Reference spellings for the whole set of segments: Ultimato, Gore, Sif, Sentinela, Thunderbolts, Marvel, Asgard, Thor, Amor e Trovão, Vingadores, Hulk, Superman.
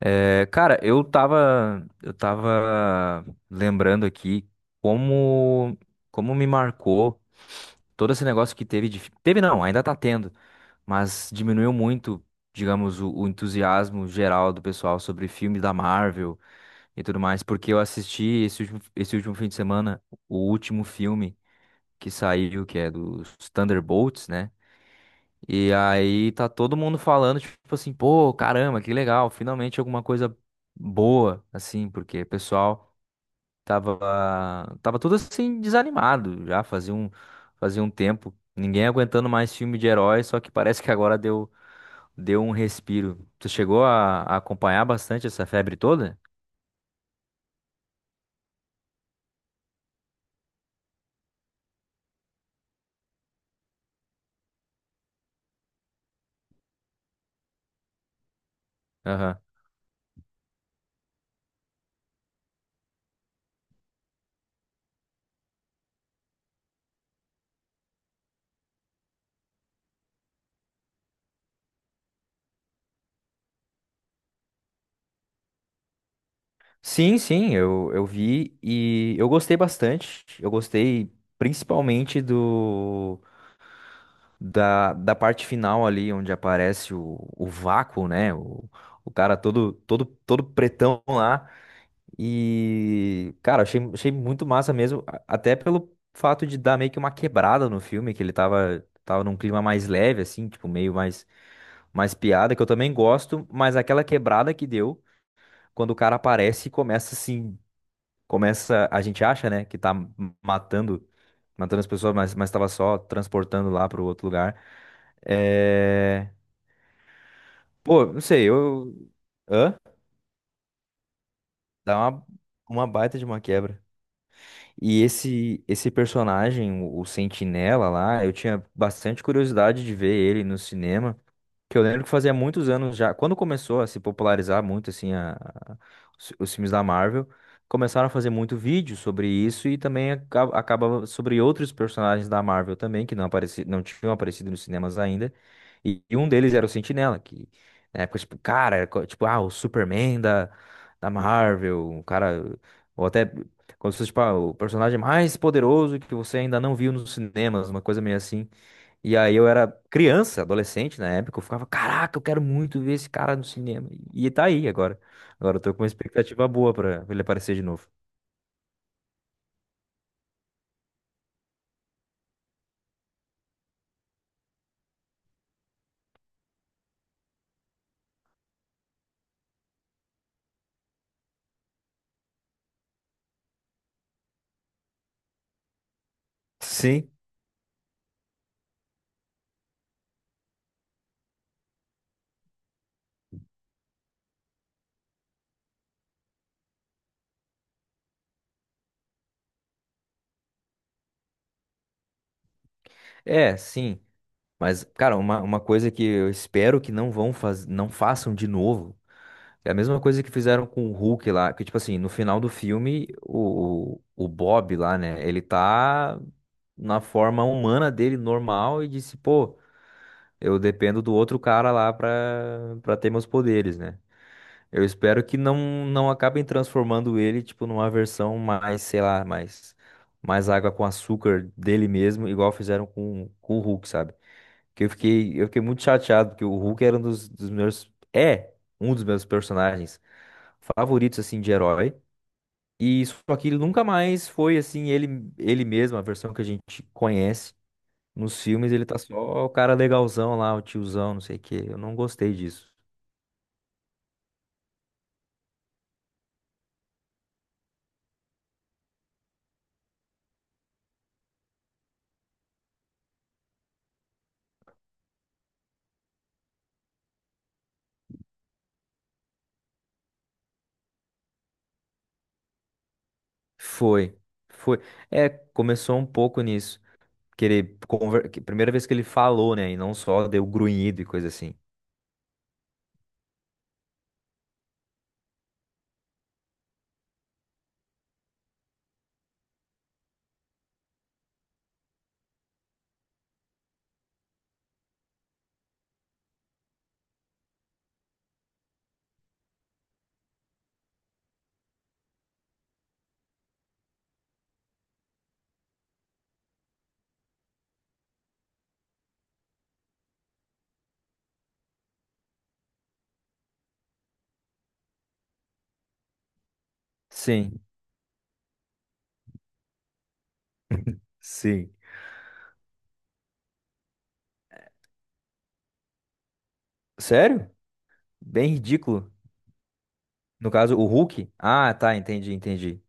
É, cara, eu tava lembrando aqui como, como me marcou todo esse negócio que teve não, ainda tá tendo, mas diminuiu muito, digamos, o entusiasmo geral do pessoal sobre filme da Marvel e tudo mais, porque eu assisti esse último fim de semana o último filme que saiu, que é dos Thunderbolts, né? E aí tá todo mundo falando, tipo assim, pô, caramba, que legal, finalmente alguma coisa boa, assim, porque o pessoal tava, tava todo assim desanimado já, fazia um tempo, ninguém aguentando mais filme de herói, só que parece que agora deu, deu um respiro. Tu chegou a acompanhar bastante essa febre toda? Aham. Sim, sim, eu vi e eu gostei bastante. Eu gostei principalmente da parte final ali, onde aparece o vácuo, né? O cara todo pretão lá. E, cara, achei muito massa mesmo, até pelo fato de dar meio que uma quebrada no filme, que ele tava num clima mais leve, assim, tipo, meio mais piada, que eu também gosto, mas aquela quebrada que deu. Quando o cara aparece e começa assim, a gente acha, né, que tá matando, matando as pessoas, mas tava só transportando lá pro outro lugar. É. Pô, não sei, eu. Hã? Dá uma baita de uma quebra. E esse personagem, o Sentinela lá, eu tinha bastante curiosidade de ver ele no cinema. Que eu lembro que fazia muitos anos já, quando começou a se popularizar muito assim os filmes da Marvel, começaram a fazer muito vídeo sobre isso e também acaba sobre outros personagens da Marvel também que não tinham aparecido nos cinemas ainda. E um deles era o Sentinela, que na época tipo, cara, era tipo, ah, o Superman da Marvel, um cara ou até como se fosse tipo, ah, o personagem mais poderoso que você ainda não viu nos cinemas, uma coisa meio assim. E aí eu era criança, adolescente na época, eu ficava, caraca, eu quero muito ver esse cara no cinema. E tá aí agora. Agora eu tô com uma expectativa boa pra ele aparecer de novo. Sim. É, sim. Mas, cara, uma coisa que eu espero que não façam de novo. É a mesma coisa que fizeram com o Hulk lá, que tipo assim, no final do filme, o Bob lá, né, ele tá na forma humana dele, normal, e disse, pô, eu dependo do outro cara lá pra ter meus poderes, né? Eu espero que não acabem transformando ele, tipo, numa versão mais, sei lá, mais água com açúcar dele mesmo, igual fizeram com o Hulk, sabe? Que eu fiquei muito chateado, porque o Hulk era um dos, dos meus, é um dos meus personagens favoritos, assim, de herói. E só que ele nunca mais foi, assim, ele mesmo, a versão que a gente conhece. Nos filmes ele tá só o cara legalzão lá, o tiozão, não sei o quê. Eu não gostei disso. Foi, foi. É, começou um pouco nisso. Que que primeira vez que ele falou, né? E não só deu grunhido e coisa assim. Sim, sim. Sério? Bem ridículo. No caso, o Hulk? Ah, tá, entendi, entendi.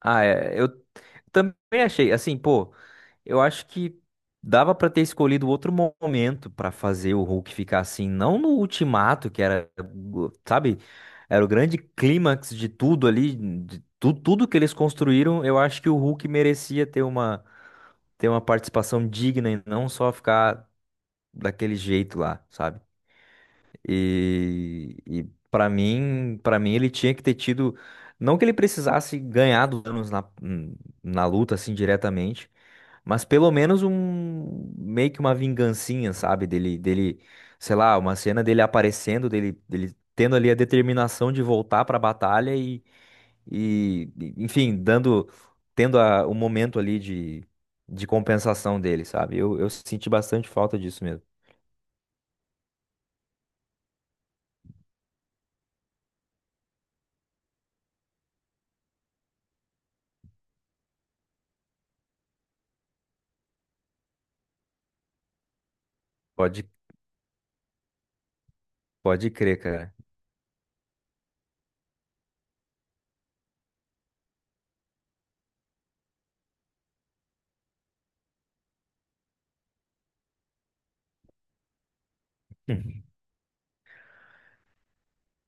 Ah, é, eu também achei, assim, pô, eu acho que dava pra ter escolhido outro momento pra fazer o Hulk ficar assim, não no ultimato, que era, sabe, era o grande clímax de tudo ali, de tudo que eles construíram, eu acho que o Hulk merecia ter uma participação digna e não só ficar daquele jeito lá, sabe? E para mim ele tinha que ter tido, não que ele precisasse ganhar dos anos na luta assim diretamente, mas pelo menos um meio que uma vingancinha, sabe, dele, sei lá, uma cena dele aparecendo, dele tendo ali a determinação de voltar para a batalha e, enfim, dando tendo o momento ali de compensação dele, sabe? Eu senti bastante falta disso mesmo. Pode pode crer, cara.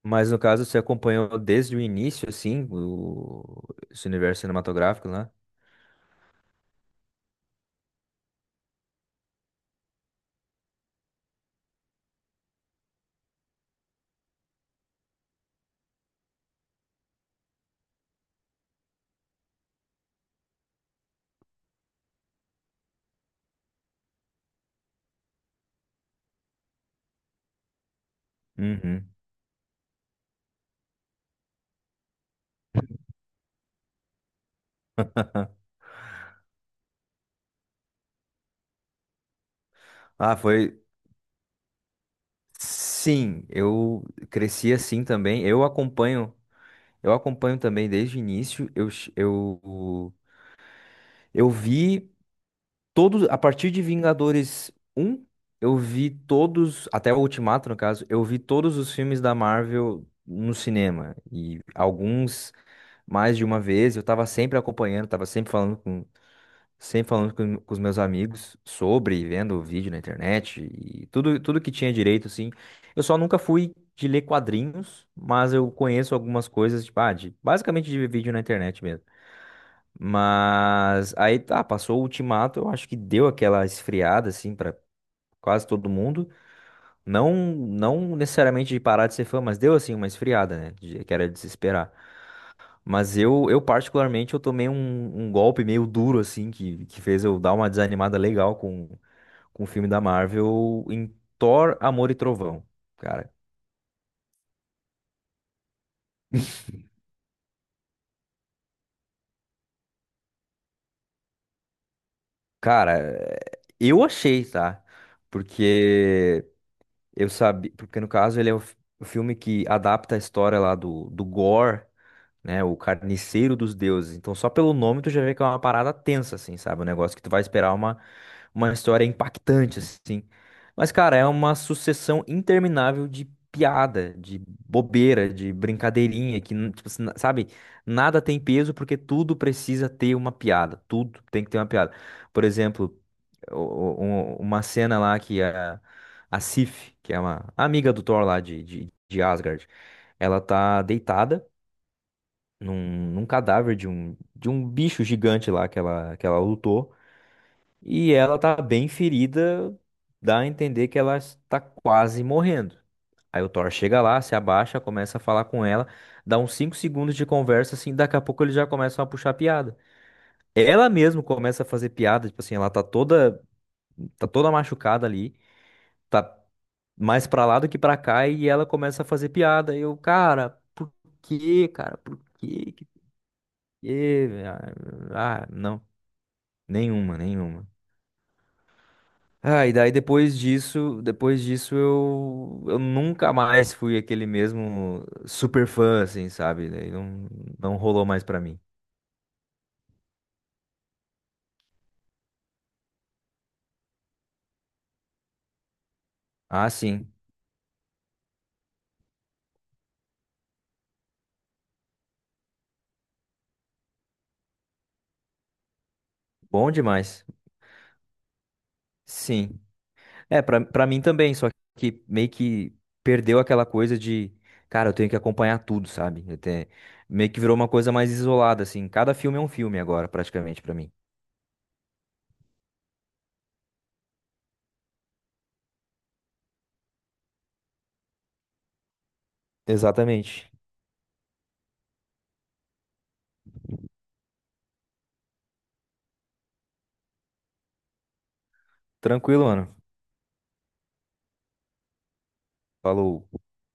Mas no caso, você acompanhou desde o início, assim, esse universo cinematográfico, né? Uhum. Ah, foi. Sim, eu cresci assim também. Eu acompanho também desde o início. Eu vi todos, a partir de Vingadores um, eu vi todos, até o Ultimato, no caso, eu vi todos os filmes da Marvel no cinema. E alguns mais de uma vez, eu tava sempre acompanhando, tava sempre com os meus amigos sobre, vendo vídeo na internet e tudo que tinha direito, assim. Eu só nunca fui de ler quadrinhos, mas eu conheço algumas coisas, tipo, ah, de, basicamente de vídeo na internet mesmo. Mas aí tá, passou o Ultimato, eu acho que deu aquela esfriada, assim, pra quase todo mundo. Não, não necessariamente de parar de ser fã, mas deu, assim, uma esfriada, né? Que era de se esperar. Mas eu particularmente, eu tomei um golpe meio duro, assim, que fez eu dar uma desanimada legal com o filme da Marvel em Thor, Amor e Trovão, cara. Cara, eu achei, tá? Porque eu sabia. Porque, no caso, ele é o filme que adapta a história lá do Gore, né? O carniceiro dos deuses. Então, só pelo nome tu já vê que é uma parada tensa, assim, sabe? Um negócio que tu vai esperar uma história impactante, assim. Mas, cara, é uma sucessão interminável de piada, de bobeira, de brincadeirinha, que, tipo, assim, sabe? Nada tem peso porque tudo precisa ter uma piada. Tudo tem que ter uma piada. Por exemplo, o- o- uma cena lá que a Sif, que é uma amiga do Thor lá de Asgard, ela tá deitada num cadáver de um bicho gigante lá que ela lutou. E ela tá bem ferida, dá a entender que ela está quase morrendo. Aí o Thor chega lá, se abaixa, começa a falar com ela, dá uns 5 segundos de conversa, assim, daqui a pouco eles já começam a puxar piada. Ela mesmo começa a fazer piada, tipo assim, ela tá toda machucada ali, tá mais pra lá do que pra cá, e ela começa a fazer piada. E eu, cara, por quê, cara? Por quê? Ah, ah, não. Nenhuma, nenhuma. Ah, e daí depois disso eu nunca mais fui aquele mesmo super fã, assim, sabe? Daí não rolou mais pra mim. Ah, sim. Bom demais. Sim. É, pra mim também, só que meio que perdeu aquela coisa de, cara, eu tenho que acompanhar tudo, sabe? Meio que virou uma coisa mais isolada, assim. Cada filme é um filme agora, praticamente, pra mim. Exatamente. Tranquilo, mano. Falou.